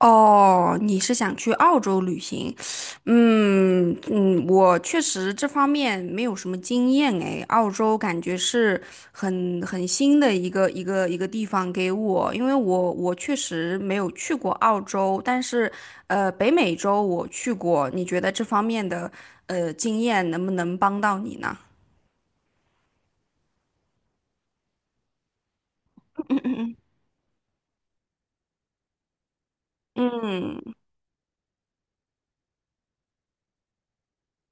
哦，你是想去澳洲旅行？嗯嗯，我确实这方面没有什么经验诶，澳洲感觉是很新的一个地方给我，因为我确实没有去过澳洲，但是北美洲我去过。你觉得这方面的经验能不能帮到你呢？嗯嗯嗯。嗯。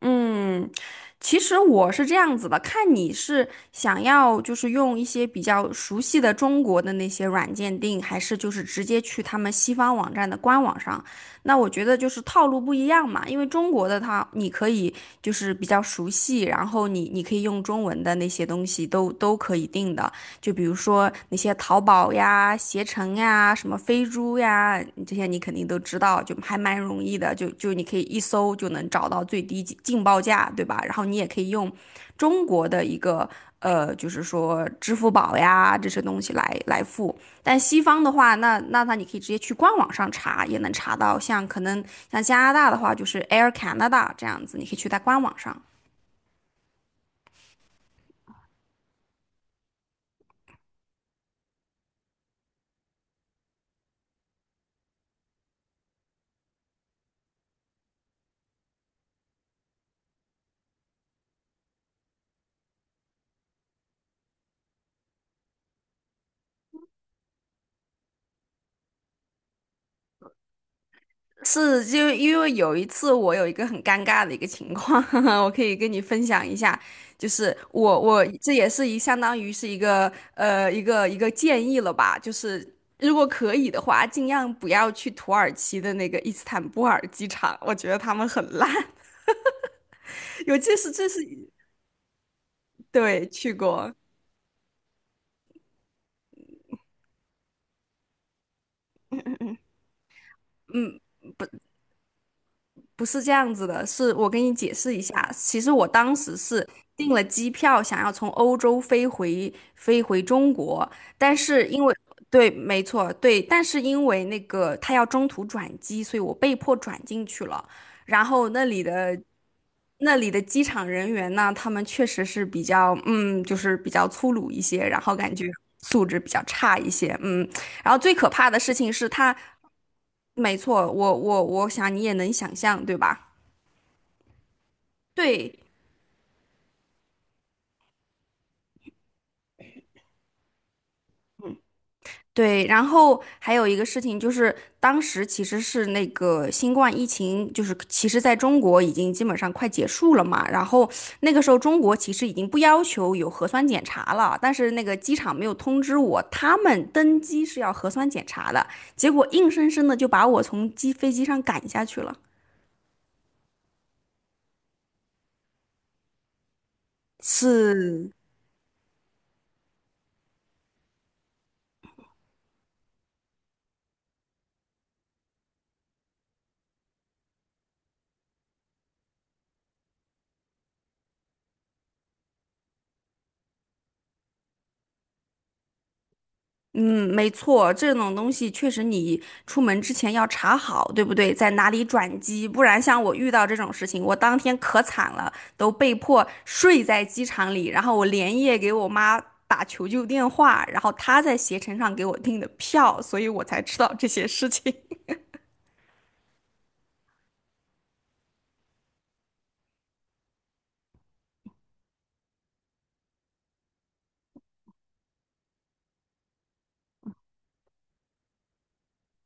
嗯，其实我是这样子的，看你是想要就是用一些比较熟悉的中国的那些软件订，还是就是直接去他们西方网站的官网上。那我觉得就是套路不一样嘛，因为中国的它你可以就是比较熟悉，然后你可以用中文的那些东西都可以订的。就比如说那些淘宝呀、携程呀、什么飞猪呀，这些你肯定都知道，就还蛮容易的，就你可以一搜就能找到最低进报价，对吧？然后你也可以用中国的一个就是说支付宝呀这些东西来付。但西方的话，那你可以直接去官网上查，也能查到。像可能像加拿大的话，就是 Air Canada 这样子，你可以去在官网上。是，就因为有一次我有一个很尴尬的一个情况，我可以跟你分享一下。就是我这也是相当于是一个一个建议了吧，就是如果可以的话，尽量不要去土耳其的那个伊斯坦布尔机场，我觉得他们很烂，尤其是这是对去过。嗯嗯。不是这样子的，是我跟你解释一下，其实我当时是订了机票，想要从欧洲飞回中国，但是因为对，没错，对，但是因为那个他要中途转机，所以我被迫转进去了，然后那里的。那里的机场人员呢，他们确实是比较，嗯，就是比较粗鲁一些，然后感觉素质比较差一些，嗯。然后最可怕的事情是他，没错，我想你也能想象，对吧？对对，然后还有一个事情就是，当时其实是那个新冠疫情，就是其实在中国已经基本上快结束了嘛。然后那个时候中国其实已经不要求有核酸检查了，但是那个机场没有通知我，他们登机是要核酸检查的，结果硬生生的就把我从机飞机上赶下去了。是，嗯，没错，这种东西确实你出门之前要查好，对不对？在哪里转机，不然像我遇到这种事情，我当天可惨了，都被迫睡在机场里，然后我连夜给我妈打求救电话，然后她在携程上给我订的票，所以我才知道这些事情。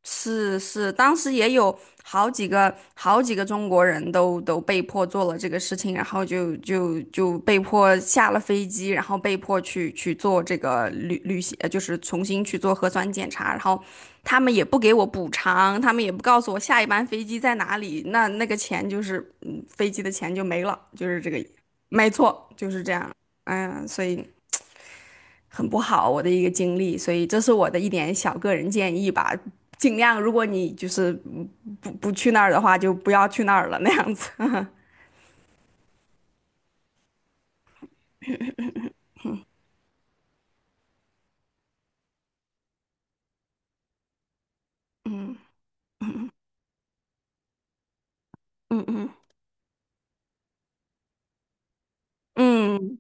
是是，当时也有好几个中国人都被迫做了这个事情，然后就被迫下了飞机，然后被迫去做这个旅行，就是重新去做核酸检查，然后他们也不给我补偿，他们也不告诉我下一班飞机在哪里，那那个钱就是飞机的钱就没了，就是这个，没错，就是这样，哎呀，所以。很不好，我的一个经历，所以这是我的一点小个人建议吧。尽量，如果你就是不去那儿的话，就不要去那儿了那样子。嗯嗯嗯嗯嗯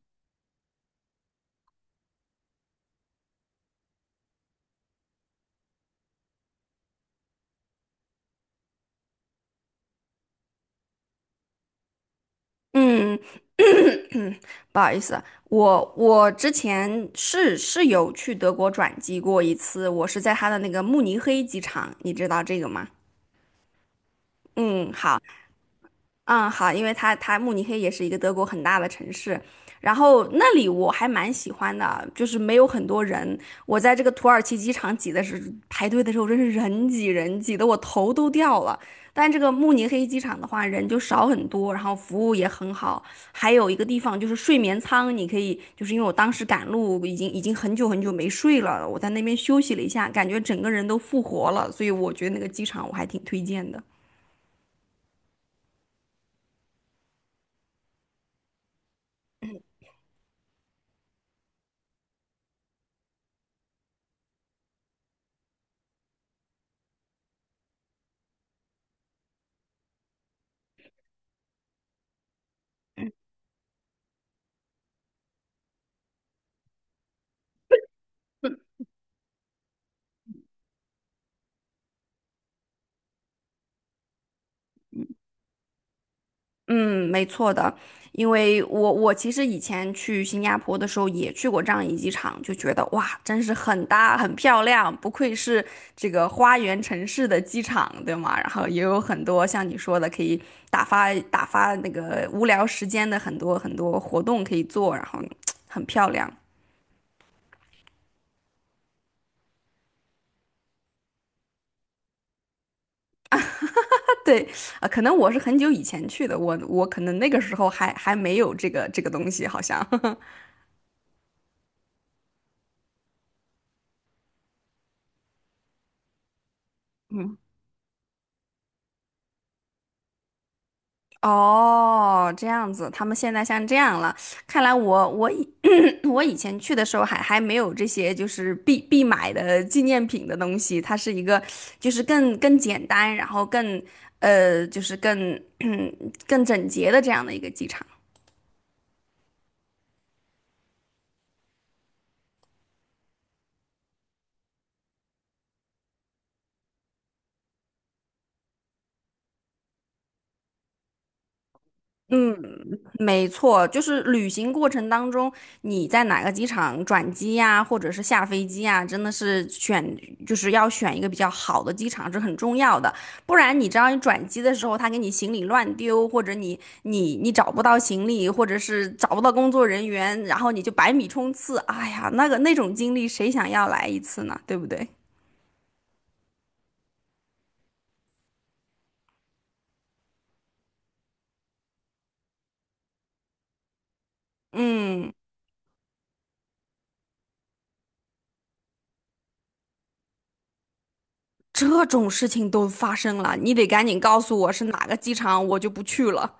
嗯，不好意思，我之前是有去德国转机过一次，我是在他的那个慕尼黑机场，你知道这个吗？嗯，好。嗯，好，因为它慕尼黑也是一个德国很大的城市，然后那里我还蛮喜欢的，就是没有很多人。我在这个土耳其机场挤的是排队的时候，真是人挤人挤得我头都掉了。但这个慕尼黑机场的话，人就少很多，然后服务也很好。还有一个地方就是睡眠舱，你可以就是因为我当时赶路已经很久没睡了，我在那边休息了一下，感觉整个人都复活了，所以我觉得那个机场我还挺推荐的。嗯，没错的，因为我其实以前去新加坡的时候也去过樟宜机场，就觉得哇，真是很大很漂亮，不愧是这个花园城市的机场，对吗？然后也有很多像你说的可以打发打发那个无聊时间的很多活动可以做，然后很漂亮。对，啊，可能我是很久以前去的，我可能那个时候还没有这个东西，好像。哦，这样子，他们现在像这样了。看来我以 我以前去的时候还没有这些就是必买的纪念品的东西，它是一个就是更简单，然后更就是更 更整洁的这样的一个机场。没错，就是旅行过程当中，你在哪个机场转机呀，或者是下飞机呀，真的是选，就是要选一个比较好的机场，这很重要的。不然你知道，你转机的时候，他给你行李乱丢，或者你找不到行李，或者是找不到工作人员，然后你就百米冲刺，哎呀，那个那种经历，谁想要来一次呢？对不对？嗯，这种事情都发生了，你得赶紧告诉我是哪个机场，我就不去了。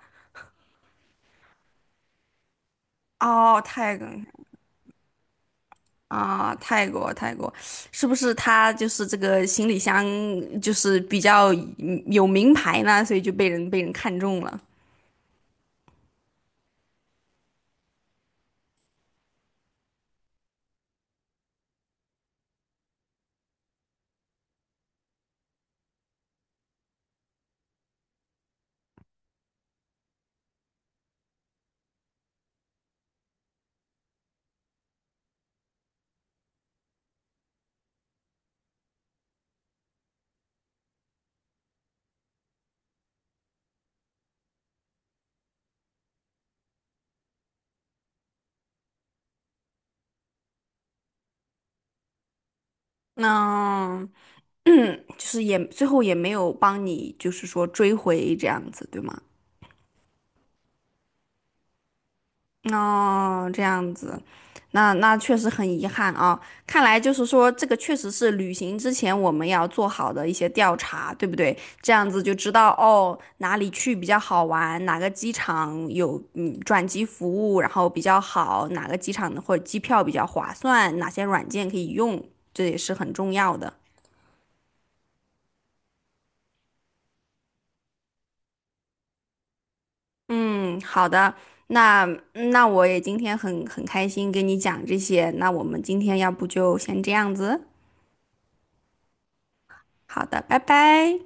哦，太梗啊，泰国泰国，是不是他就是这个行李箱就是比较有名牌呢？所以就被人看中了。那 就是也最后也没有帮你，就是说追回这样子，对吗？哦，这样子，那那确实很遗憾啊。看来就是说，这个确实是旅行之前我们要做好的一些调查，对不对？这样子就知道哦，哪里去比较好玩，哪个机场有转机服务，然后比较好，哪个机场的或者机票比较划算，哪些软件可以用，这也是很重要的。嗯，好的，那我也今天很开心跟你讲这些，那我们今天要不就先这样子。好的，拜拜。